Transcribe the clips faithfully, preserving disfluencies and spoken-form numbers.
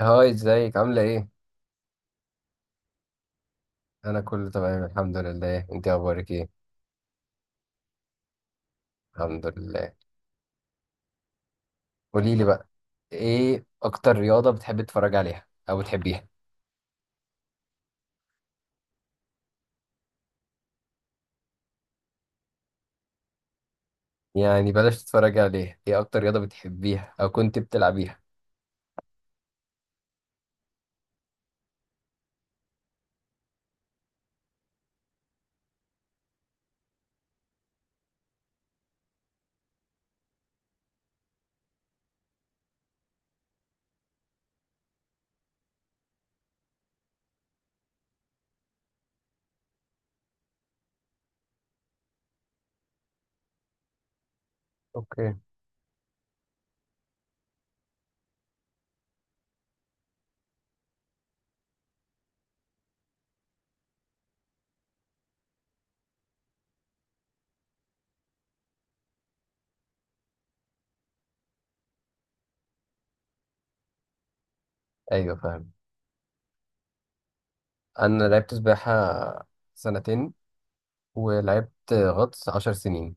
هاي، ازيك؟ عاملة ايه؟ انا كله تمام الحمد لله. انت اخبارك ايه؟ الحمد لله. قولي لي بقى، ايه اكتر رياضة بتحبي تتفرجي عليها او بتحبيها؟ يعني بلاش تتفرجي عليها، ايه اكتر رياضة بتحبيها او كنت بتلعبيها؟ اوكي. ايوه فاهم. انا لعبت سباحة سنتين، ولعبت غطس عشر سنين.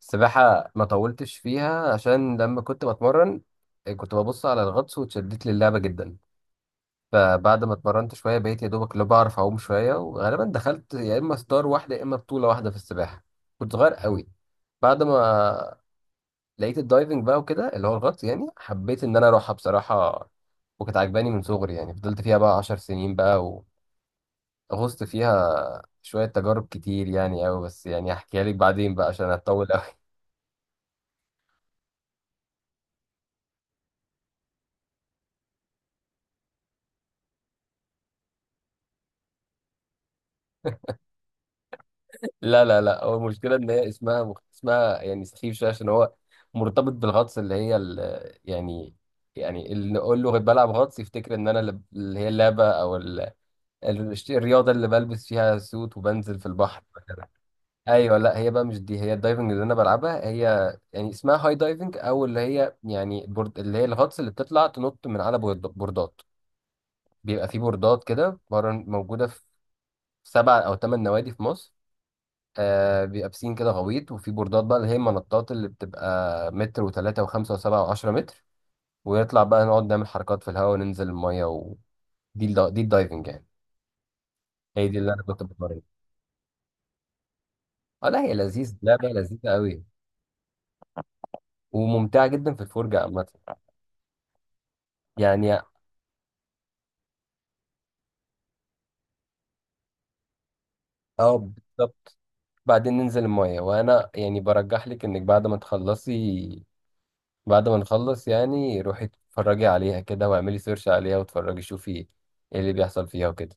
السباحة ما طولتش فيها عشان لما كنت بتمرن كنت ببص على الغطس واتشدت للعبة جدا. فبعد ما اتمرنت شوية بقيت يا دوبك اللي بعرف أعوم شوية، وغالبا دخلت يا إما ستار واحدة يا إما بطولة واحدة في السباحة. كنت صغير قوي. بعد ما لقيت الدايفنج بقى وكده، اللي هو الغطس يعني، حبيت إن أنا أروحها بصراحة. وكانت عجباني من صغري، يعني فضلت فيها بقى عشر سنين بقى. وغصت فيها شوية، تجارب كتير يعني أوي، بس يعني هحكيها لك بعدين بقى عشان هتطول أوي. لا لا لا، هو المشكلة إن هي اسمها مخ... اسمها يعني سخيف شوية، عشان هو مرتبط بالغطس اللي هي ال... يعني يعني اللي نقول له بلعب غطس يفتكر إن أنا اللي اللي هي اللعبة أو ال... ال- الرياضة اللي بلبس فيها سوت وبنزل في البحر وكده. أيوه لا، هي بقى مش دي. هي الدايفنج اللي أنا بلعبها، هي يعني اسمها هاي دايفنج. أو اللي هي يعني بورد... اللي هي الغطس اللي بتطلع تنط من على بورد- بوردات. بيبقى في بوردات كده بره، موجودة في سبع أو ثمان نوادي في مصر. آه بيبقى بسين كده غويط، وفي بوردات بقى اللي هي المنطات، اللي بتبقى متر وتلاتة وخمسة وسبعة وعشرة متر. ونطلع بقى نقعد نعمل حركات في الهواء، وننزل المية و... دي الدا... دي الدايفنج يعني. هي دي اللي أنا كنت بتمرن. اه لا، هي لذيذ، لعبة لذيذة قوي وممتعة جدا في الفرجة عامة يعني. اه بالظبط. بعدين ننزل المية. وأنا يعني برجح لك إنك بعد ما تخلصي، بعد ما نخلص يعني، روحي اتفرجي عليها كده، واعملي سيرش عليها، واتفرجي شوفي ايه اللي بيحصل فيها وكده.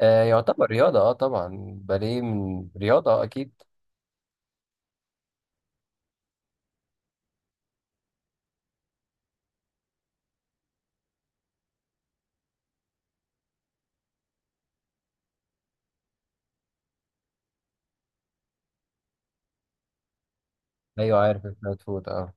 آه يعتبر رياضة، اه طبعا باليه من رياضة اكيد. ايوه، عارف الفلات فود اه.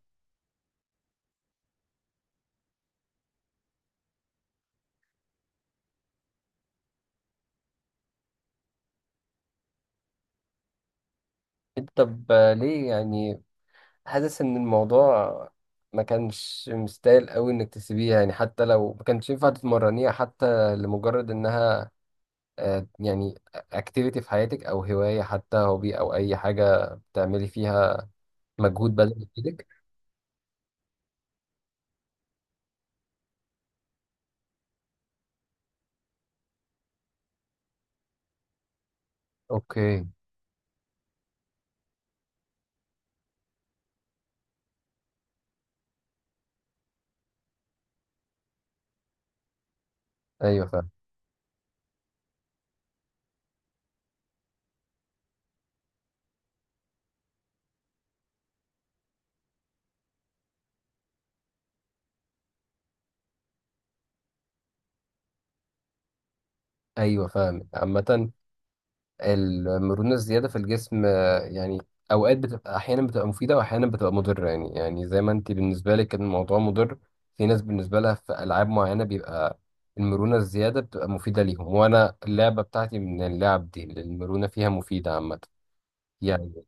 انت طب، آه، ليه يعني؟ حاسس ان الموضوع ما كانش مستاهل قوي انك تسيبيها، يعني حتى لو ما كانش ينفع تتمرنيها، حتى لمجرد انها آه يعني اكتيفيتي في حياتك، او هواية، حتى هوبي، او اي حاجة بتعملي فيها مجهود بدني بايدك. اوكي. ايوه فاهم. ايوه فاهم عامة. المرونة الزيادة في الجسم آه، يعني أوقات بتبقى، أحيانا بتبقى مفيدة وأحيانا بتبقى مضرة، يعني يعني زي ما أنت بالنسبة لك كان الموضوع مضر. في ناس بالنسبة لها في ألعاب معينة بيبقى المرونة الزيادة بتبقى مفيدة ليهم، وأنا اللعبة بتاعتي من اللعب دي اللي المرونة فيها مفيدة عامة يعني.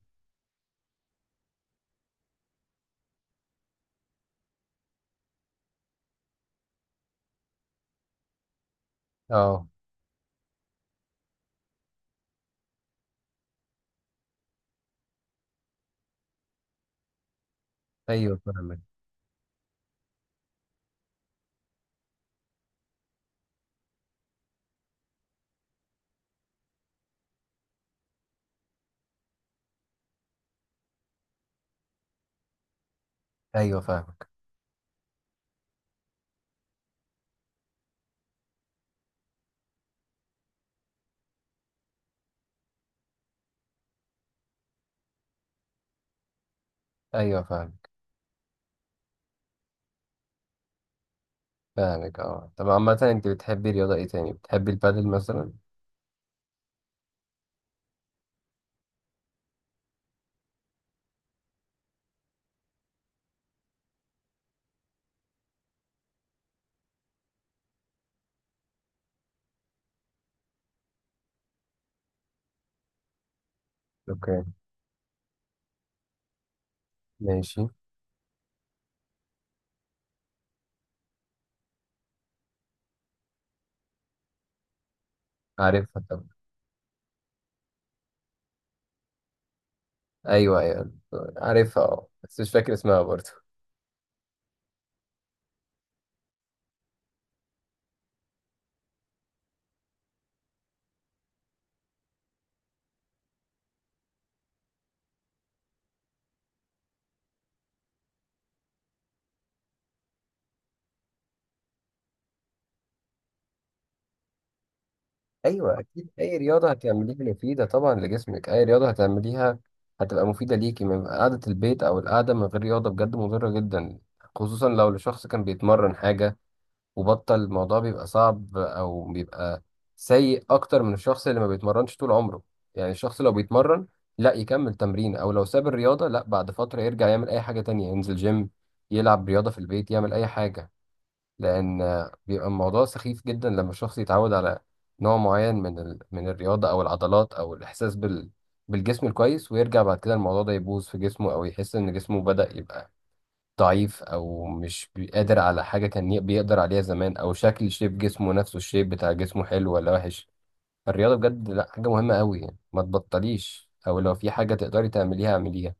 أه. أيوه فاهمك. أيوه فاهمك. أيوه فاهمك. فاهمك أه، طب عامة، أنت بتحبي رياضة إيه تاني؟ بتحبي البادل مثلا؟ أوكي. ماشي. عارفها طبعا. ايوه ايوه. عارفها، اه بس مش فاكر اسمها برضه. ايوه اكيد، اي رياضه هتعمليها مفيده طبعا لجسمك. اي رياضه هتعمليها هتبقى مفيده ليكي، من قعده البيت او القعده من غير رياضه بجد مضره جدا، خصوصا لو الشخص كان بيتمرن حاجه وبطل. الموضوع بيبقى صعب، او بيبقى سيء اكتر من الشخص اللي ما بيتمرنش طول عمره. يعني الشخص لو بيتمرن لا يكمل تمرين، او لو ساب الرياضه لا بعد فتره يرجع يعمل اي حاجه تانية، ينزل جيم، يلعب رياضه في البيت، يعمل اي حاجه. لان بيبقى الموضوع سخيف جدا لما الشخص يتعود على نوع معين من ال... من الرياضه، او العضلات، او الاحساس بال... بالجسم الكويس، ويرجع بعد كده الموضوع ده يبوظ في جسمه، او يحس ان جسمه بدأ يبقى ضعيف، او مش قادر على حاجه كان ي- بيقدر عليها زمان، او شكل شيب جسمه نفسه، الشيب بتاع جسمه حلو ولا وحش. الرياضه بجد لا، حاجه مهمه قوي يعني، ما تبطليش، او لو في حاجه تقدري تعمليها اعمليها.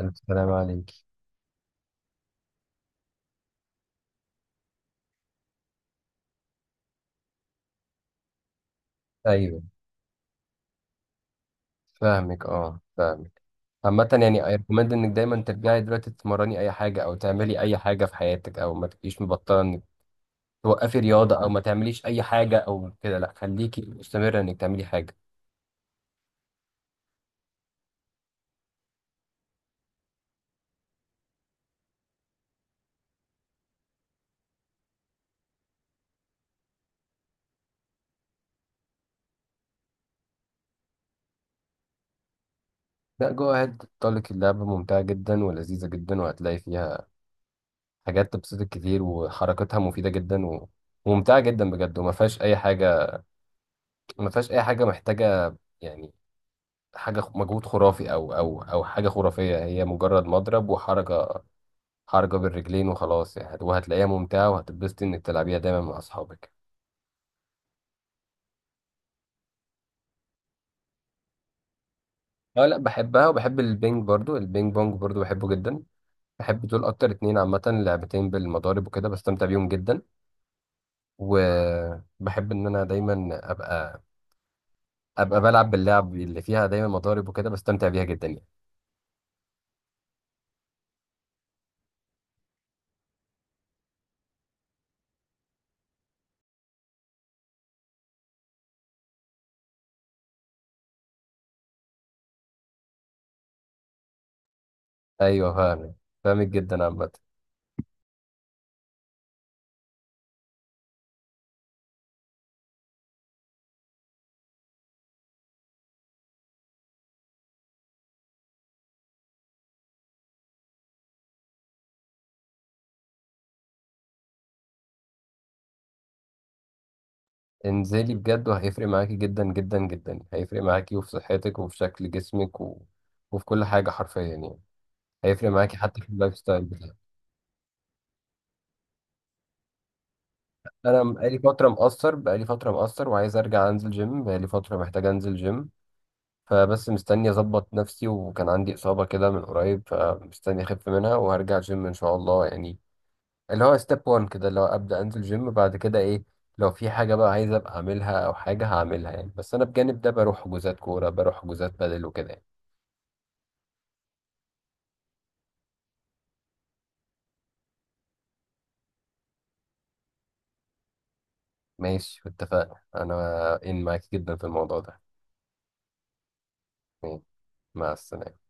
السلام عليك. ايوه فاهمك، اه فاهمك عامة. يعني I recommend انك دايما ترجعي دلوقتي تتمرني اي حاجة، او تعملي اي حاجة في حياتك، او ما تبقيش مبطلة انك توقفي رياضة، او ما تعمليش اي حاجة او كده. لا، خليكي مستمرة انك تعملي حاجة. لا، جو اهيد، تطلق. اللعبة ممتعة جدا ولذيذة جدا، وهتلاقي فيها حاجات تبسطك كتير، وحركتها مفيدة جدا و- وممتعة جدا بجد. وما فيهاش اي حاجة، ما فيهاش اي حاجة محتاجة يعني، حاجة خ- مجهود خرافي، او او او حاجة خرافية. هي مجرد مضرب وحركة، حركة بالرجلين وخلاص يعني، وهتلاقيها ممتعة، وهتتبسطي إنك تلعبيها دايما مع أصحابك. أه لأ، بحبها، وبحب البينج برضو، البينج بونج برضو بحبه جدا. بحب دول أكتر اتنين عامة، لعبتين بالمضارب وكده بستمتع بيهم جدا. وبحب إن أنا دايما أبقى أبقى بلعب باللعب اللي فيها دايما مضارب وكده بستمتع بيها جدا يعني. أيوه فاهمك. فاهمك جدا عامة. انزلي بجد، وهيفرق معاكي جدا جدا جدا. هيفرق معاكي وفي صحتك، وفي شكل جسمك و... وفي كل حاجة حرفيا يعني. هيفرق معاكي حتى في اللايف ستايل بتاعك. انا بقالي فتره مقصر بقالي فتره مقصر، وعايز ارجع انزل جيم. بقالي فتره محتاج انزل جيم، فبس مستني اظبط نفسي، وكان عندي اصابه كده من قريب فمستني اخف منها، وهرجع جيم ان شاء الله يعني. اللي هو ستيب واحد كده، اللي هو ابدا انزل جيم. بعد كده ايه لو في حاجه بقى عايز ابقى اعملها، او حاجه هعملها يعني. بس انا بجانب ده بروح حجوزات كوره، بروح حجوزات بدل وكده يعني. ماشي، اتفقنا. انا ان معاك جدا في الموضوع ده. ماشي، مع السلامه.